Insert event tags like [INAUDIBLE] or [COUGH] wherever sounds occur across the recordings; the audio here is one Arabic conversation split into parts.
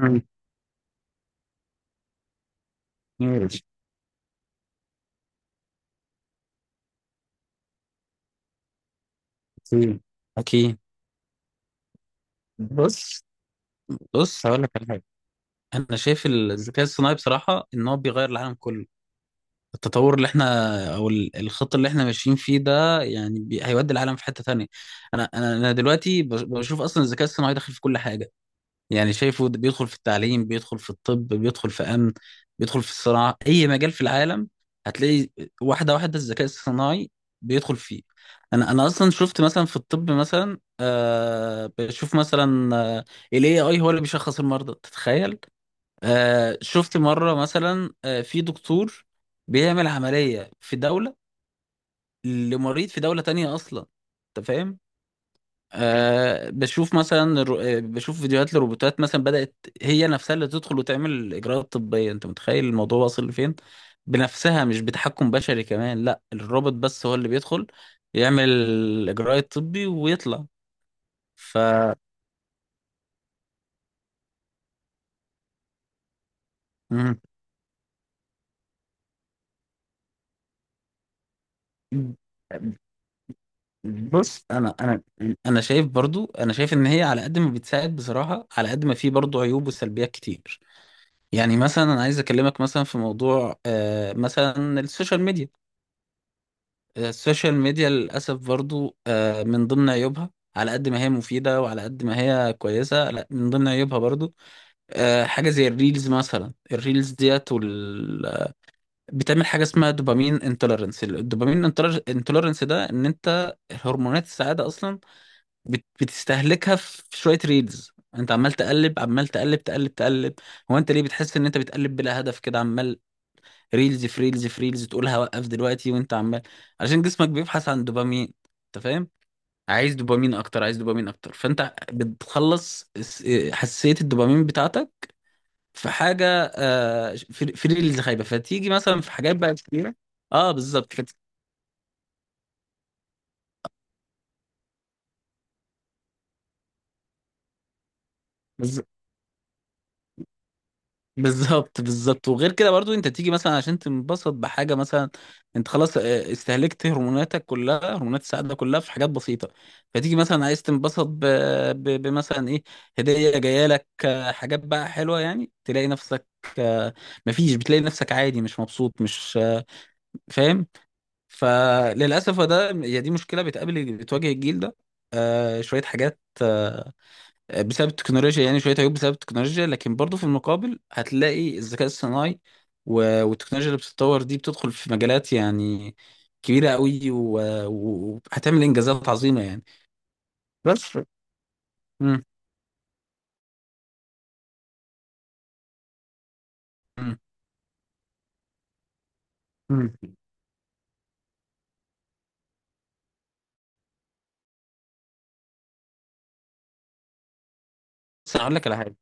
مم. ماشي. أكيد، أكيد. بص بص هقول لك على حاجة. أنا شايف الذكاء الصناعي بصراحة إن هو بيغير العالم كله. التطور اللي إحنا أو الخط اللي إحنا ماشيين فيه ده يعني هيودي العالم في حتة تانية. أنا دلوقتي بشوف أصلا الذكاء الصناعي داخل في كل حاجة. يعني شايفه ده بيدخل في التعليم، بيدخل في الطب، بيدخل في أمن، بيدخل في الصناعة، أي مجال في العالم هتلاقي واحدة واحدة الذكاء الصناعي بيدخل فيه. أنا أصلا شفت مثلا في الطب مثلا آه، بشوف مثلا ال AI هو اللي بيشخص المرضى، تتخيل؟ آه شفت مرة مثلا آه، في دكتور بيعمل عملية في دولة لمريض في دولة تانية أصلا، أنت فاهم. أه بشوف مثلا بشوف فيديوهات لروبوتات مثلا بدأت هي نفسها اللي تدخل وتعمل إجراءات طبية، أنت متخيل الموضوع واصل لفين؟ بنفسها مش بتحكم بشري كمان، لا الروبوت بس هو اللي بيدخل يعمل الإجراء الطبي ويطلع. ف مم. بص انا انا شايف برضو، انا شايف ان هي على قد ما بتساعد بصراحه، على قد ما في برضو عيوب وسلبيات كتير. يعني مثلا انا عايز اكلمك مثلا في موضوع آه، مثلا السوشيال ميديا. السوشيال ميديا للأسف برضو آه، من ضمن عيوبها، على قد ما هي مفيدة وعلى قد ما هي كويسة، لا من ضمن عيوبها برضو آه، حاجة زي الريلز مثلا. الريلز ديت بتعمل حاجة اسمها دوبامين انتولرنس. الدوبامين انتولرنس ده ان انت هرمونات السعادة اصلا بتستهلكها في شوية ريلز. انت عمال تقلب، عمال تقلب تقلب تقلب. هو انت ليه بتحس ان انت بتقلب بلا هدف كده، عمال ريلز في ريلز في ريلز، تقولها وقف دلوقتي وانت عمال، عشان جسمك بيبحث عن دوبامين، انت فاهم. عايز دوبامين اكتر، عايز دوبامين اكتر، فانت بتخلص حساسية الدوبامين بتاعتك في حاجة. آه، في في ريلز خايبة فتيجي مثلا في حاجات بقى كتيرة. اه بالظبط. بالظبط، بالظبط. وغير كده برضو انت تيجي مثلا عشان تنبسط بحاجه مثلا، انت خلاص اه، استهلكت هرموناتك كلها، هرمونات السعاده كلها في حاجات بسيطه. فتيجي مثلا عايز تنبسط بمثلا ايه، هديه جايه لك اه، حاجات بقى حلوه يعني، تلاقي نفسك اه، مفيش، بتلاقي نفسك عادي مش مبسوط، مش اه، فاهم. فللاسف ده هي دي مشكله بتقابل بتواجه الجيل ده. اه، شويه حاجات بسبب التكنولوجيا، يعني شويه عيوب بسبب التكنولوجيا. لكن برضو في المقابل هتلاقي الذكاء الصناعي والتكنولوجيا اللي بتتطور دي بتدخل في مجالات يعني كبيره قوي وهتعمل انجازات عظيمه يعني. بس. مم. مم. مم. بس انا هقول لك على حاجه.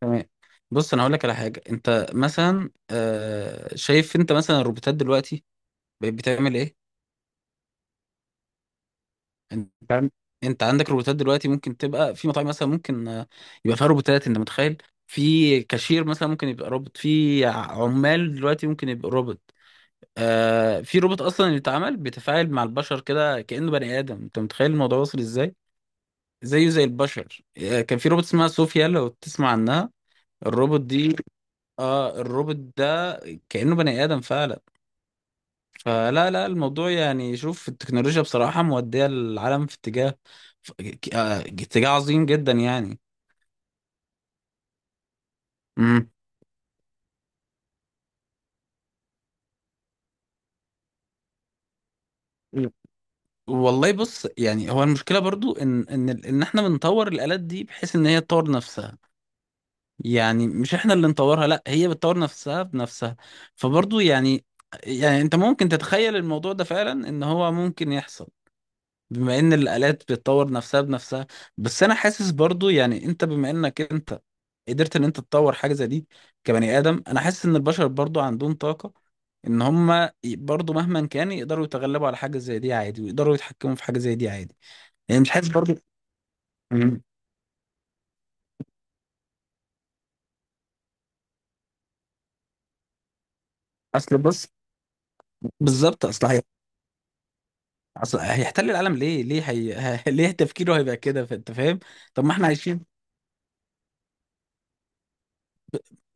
تمام. بص انا هقول لك على حاجه، انت مثلا آه، شايف انت مثلا الروبوتات دلوقتي بقت بتعمل ايه؟ انت عن- انت عندك روبوتات دلوقتي ممكن تبقى في مطاعم مثلا، ممكن آه، يبقى فيها روبوتات. انت متخيل في كاشير مثلا ممكن يبقى روبوت في عمال دلوقتي ممكن يبقى روبوت. آه في روبوت اصلا اللي اتعمل بيتفاعل مع البشر كده كأنه بني ادم، انت متخيل الموضوع وصل ازاي، زيه زي البشر. آه كان في روبوت اسمها صوفيا لو تسمع عنها، الروبوت دي، اه الروبوت ده كأنه بني ادم فعلا. فلا لا الموضوع يعني، شوف التكنولوجيا بصراحة مودية العالم في اتجاه اتجاه عظيم جدا يعني. امم، والله بص، يعني هو المشكلة برضو ان ان احنا بنطور الآلات دي بحيث ان هي تطور نفسها. يعني مش احنا اللي نطورها، لا هي بتطور نفسها بنفسها. فبرضو يعني، يعني انت ممكن تتخيل الموضوع ده فعلا ان هو ممكن يحصل بما ان الآلات بتطور نفسها بنفسها. بس انا حاسس برضو يعني انت بما انك انت قدرت ان انت تطور حاجة زي دي كبني آدم، انا حاسس ان البشر برضو عندهم طاقة ان برضو مهما كان يقدروا يتغلبوا على حاجة زي دي عادي، ويقدروا يتحكموا في حاجة زي دي عادي. يعني مش حاسس برضو. مم. اصل بص، بالظبط اصل هي، اصل هيحتل العالم ليه؟ ليه هي... [LAUGHS] ليه تفكيره هيبقى كده، انت فاهم؟ طب ما احنا عايشين.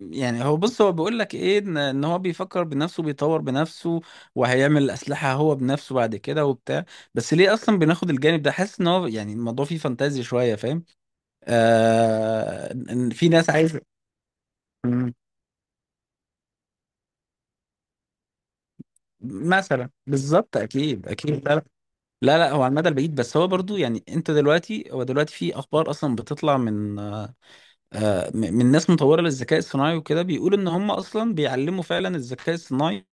يعني هو بص، هو بيقول لك ايه، ان إن هو بيفكر بنفسه، بيطور بنفسه، وهيعمل اسلحه هو بنفسه بعد كده وبتاع. بس ليه اصلا بناخد الجانب ده، حاسس ان هو يعني الموضوع فيه فانتازي شويه، فاهم. آه ان في ناس عايزه. مم. مثلا بالظبط، اكيد اكيد، لا لا، لا لا، هو على المدى البعيد. بس هو برضو يعني انت دلوقتي، هو دلوقتي في اخبار اصلا بتطلع من آه، من ناس مطوره للذكاء الصناعي وكده، بيقول ان هم اصلا بيعلموا فعلا الذكاء الصناعي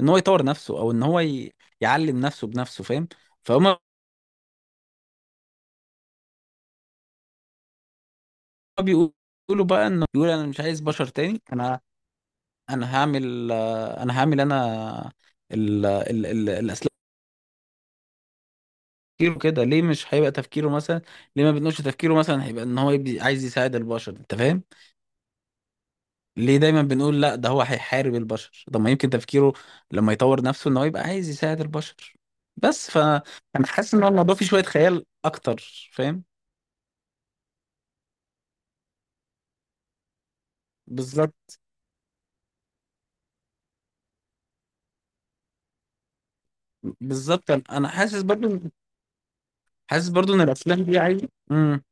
ان هو يطور نفسه، او ان هو يعلم نفسه بنفسه، فاهم. فهم. بيقولوا بقى انه بيقول انا مش عايز بشر تاني، انا انا هعمل آه، انا هعمل انا الاسلاك. تفكيره كده ليه؟ مش هيبقى تفكيره مثلا، ليه ما بنقولش تفكيره مثلا هيبقى ان هو عايز يساعد البشر، انت فاهم؟ ليه دايما بنقول لا ده هو هيحارب البشر، طب ما يمكن تفكيره لما يطور نفسه ان هو يبقى عايز يساعد البشر. بس فانا حاسس ان هو الموضوع فيه شوية خيال اكتر، فاهم. بالظبط، بالظبط. انا حاسس برضو، حاسس برضو ان الافلام دي عايزه امم.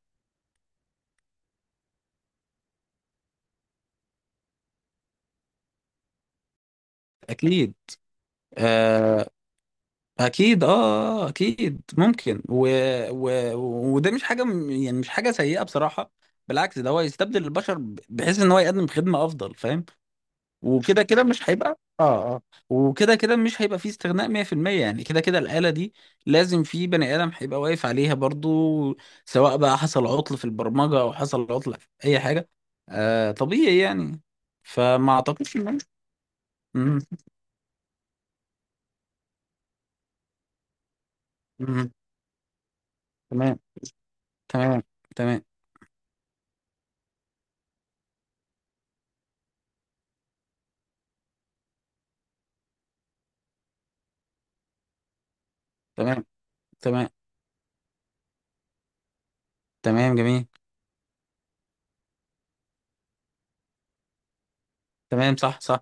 اكيد آه، اكيد اه، آه، اكيد ممكن و... وده مش حاجه يعني مش حاجه سيئه بصراحه، بالعكس ده هو يستبدل البشر بحيث ان هو يقدم خدمه افضل، فاهم. وكده كده مش هيبقى اه اه، وكده كده مش هيبقى فيه استغناء 100% يعني. كده كده الآلة دي لازم في بني آدم هيبقى واقف عليها برضو، سواء بقى حصل عطل في البرمجة او حصل عطل في اي حاجة، آه طبيعي يعني. فما اعتقدش ان. مم. مم. تمام. تمام. تمام. تمام. تمام. تمام جميل. تمام صح، صح.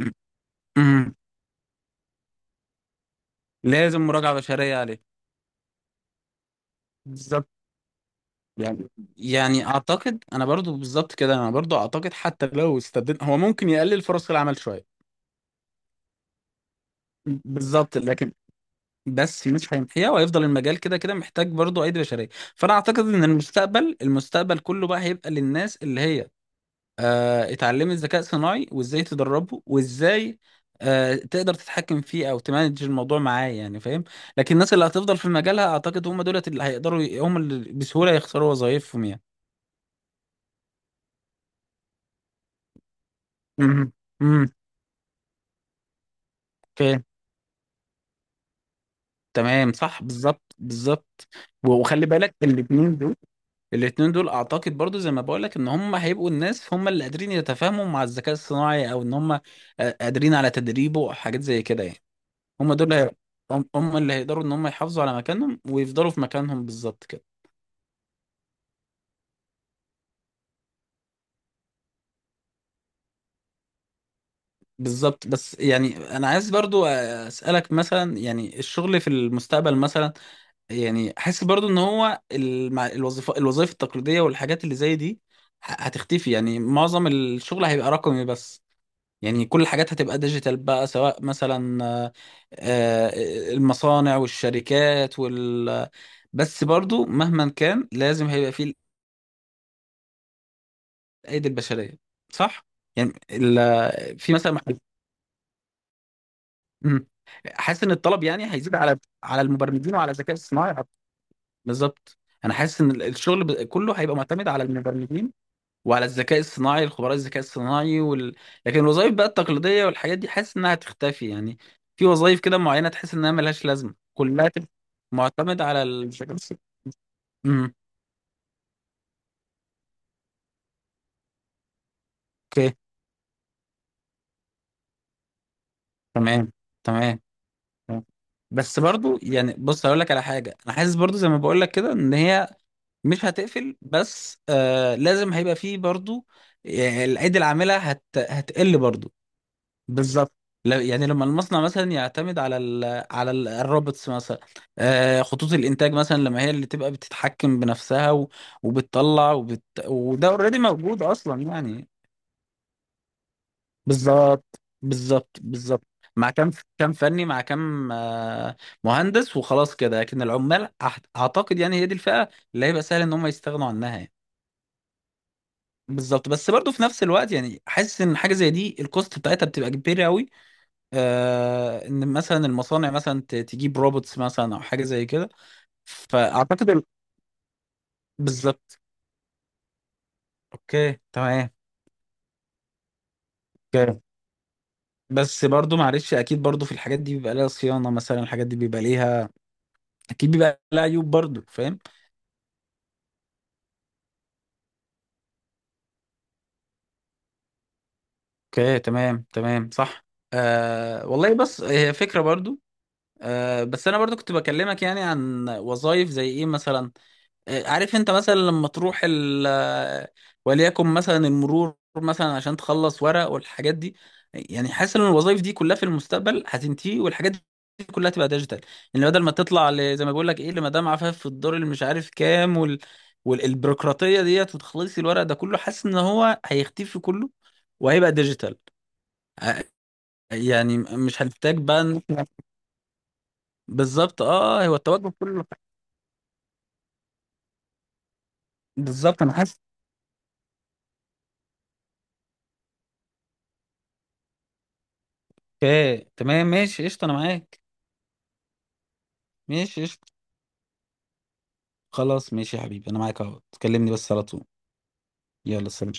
مم. مم. لازم مراجعة بشرية عليه. بالظبط. يعني، يعني اعتقد انا برضو بالظبط كده، انا برضو اعتقد حتى لو استبدلنا هو ممكن يقلل فرص العمل شويه. بالظبط. لكن بس مش هيمحيها وهيفضل المجال كده كده محتاج برضو ايدي بشريه. فانا اعتقد ان المستقبل كله بقى هيبقى للناس اللي هي آه اتعلمت ذكاء صناعي وازاي تدربه وازاي آه تقدر تتحكم فيه او تمانج الموضوع معاه يعني، فاهم. لكن الناس اللي هتفضل في مجالها اعتقد هم دولت اللي هيقدروا، هم اللي بسهوله يخسروا وظائفهم يعني. امم. تمام صح، بالظبط، بالظبط. وخلي بالك الاثنين دول، الاثنين دول اعتقد برضو زي ما بقول لك، ان هم هيبقوا الناس هم اللي قادرين يتفاهموا مع الذكاء الصناعي، او ان هم آه، قادرين على تدريبه، او حاجات زي كده يعني. هم دول هي... هم هم اللي هيقدروا ان هم يحافظوا على مكانهم ويفضلوا في مكانهم، بالظبط كده. بالظبط. بس يعني انا عايز برضو اسالك مثلا، يعني الشغل في المستقبل مثلا، يعني حاسس برضو ان هو الوظيفه، الوظائف التقليديه والحاجات اللي زي دي هتختفي يعني. معظم الشغل هيبقى رقمي بس، يعني كل الحاجات هتبقى ديجيتال بقى، سواء مثلا آه، آه، المصانع والشركات وال. بس برضو مهما كان لازم هيبقى فيه الايدي البشريه، صح. يعني في مثلا محل... مم. حاسس ان الطلب يعني هيزيد على على المبرمجين وعلى الذكاء الصناعي. بالظبط. انا حاسس ان الشغل كله هيبقى معتمد على المبرمجين وعلى الذكاء الصناعي، الخبراء الذكاء الصناعي وال... لكن الوظائف بقى التقليدية والحاجات دي حاسس انها هتختفي يعني. في وظائف كده معينة تحس انها ملهاش لازمة، كلها تبقى معتمدة على الذكاء الصناعي. امم. اوكي، تمام. تمام تمام. بس برضو يعني بص هقول لك على حاجة، انا حاسس برضو زي ما بقول لك كده ان هي مش هتقفل، بس آه لازم هيبقى فيه برضو آه، الايدي العاملة هتقل برضو. بالظبط. يعني لما المصنع مثلا يعتمد على على الروبوتس مثلا، آه، خطوط الانتاج مثلا لما هي اللي تبقى بتتحكم بنفسها وبتطلع وده اوريدي موجود اصلا يعني. بالظبط، بالظبط، بالظبط. مع كام، كام فني مع كام آه، مهندس وخلاص كده. لكن العمال اعتقد يعني هي دي الفئة اللي هيبقى سهل ان هم يستغنوا عنها يعني. بالظبط. بس برضه في نفس الوقت يعني حاسس ان حاجه زي دي الكوست بتاعتها بتبقى كبيره قوي، آه، ان مثلا المصانع مثلا تجيب روبوتس مثلا او حاجه زي كده. فاعتقد بالظبط. اوكي تمام. اوكي. بس برضو معلش اكيد برضو في الحاجات دي بيبقى لها صيانه، مثلا الحاجات دي بيبقى ليها اكيد بيبقى لها عيوب برضو، فاهم. اوكي تمام، تمام صح. آه والله بس هي فكره برضو. آه بس انا برضو كنت بكلمك يعني عن وظائف زي ايه مثلا، عارف انت مثلا لما تروح ال، وليكن مثلا المرور مثلا عشان تخلص ورق والحاجات دي. يعني حاسس ان الوظائف دي كلها في المستقبل هتنتهي، والحاجات دي كلها هتبقى ديجيتال. يعني بدل ما تطلع زي ما بقول لك ايه لمدام عفاف في الدور اللي مش عارف كام وال... والبيروقراطيه ديت وتخلصي الورق ده كله، حاسس ان هو هيختفي كله وهيبقى ديجيتال. ع- يعني مش هنحتاج بقى ان بالظبط. اه هو التوجه كله. بالظبط انا حاسس. اوكي تمام ماشي قشطه انا معاك. ماشي قشطه. خلاص ماشي يا حبيبي انا معاك، اهو تكلمني بس على طول. يلا سلام.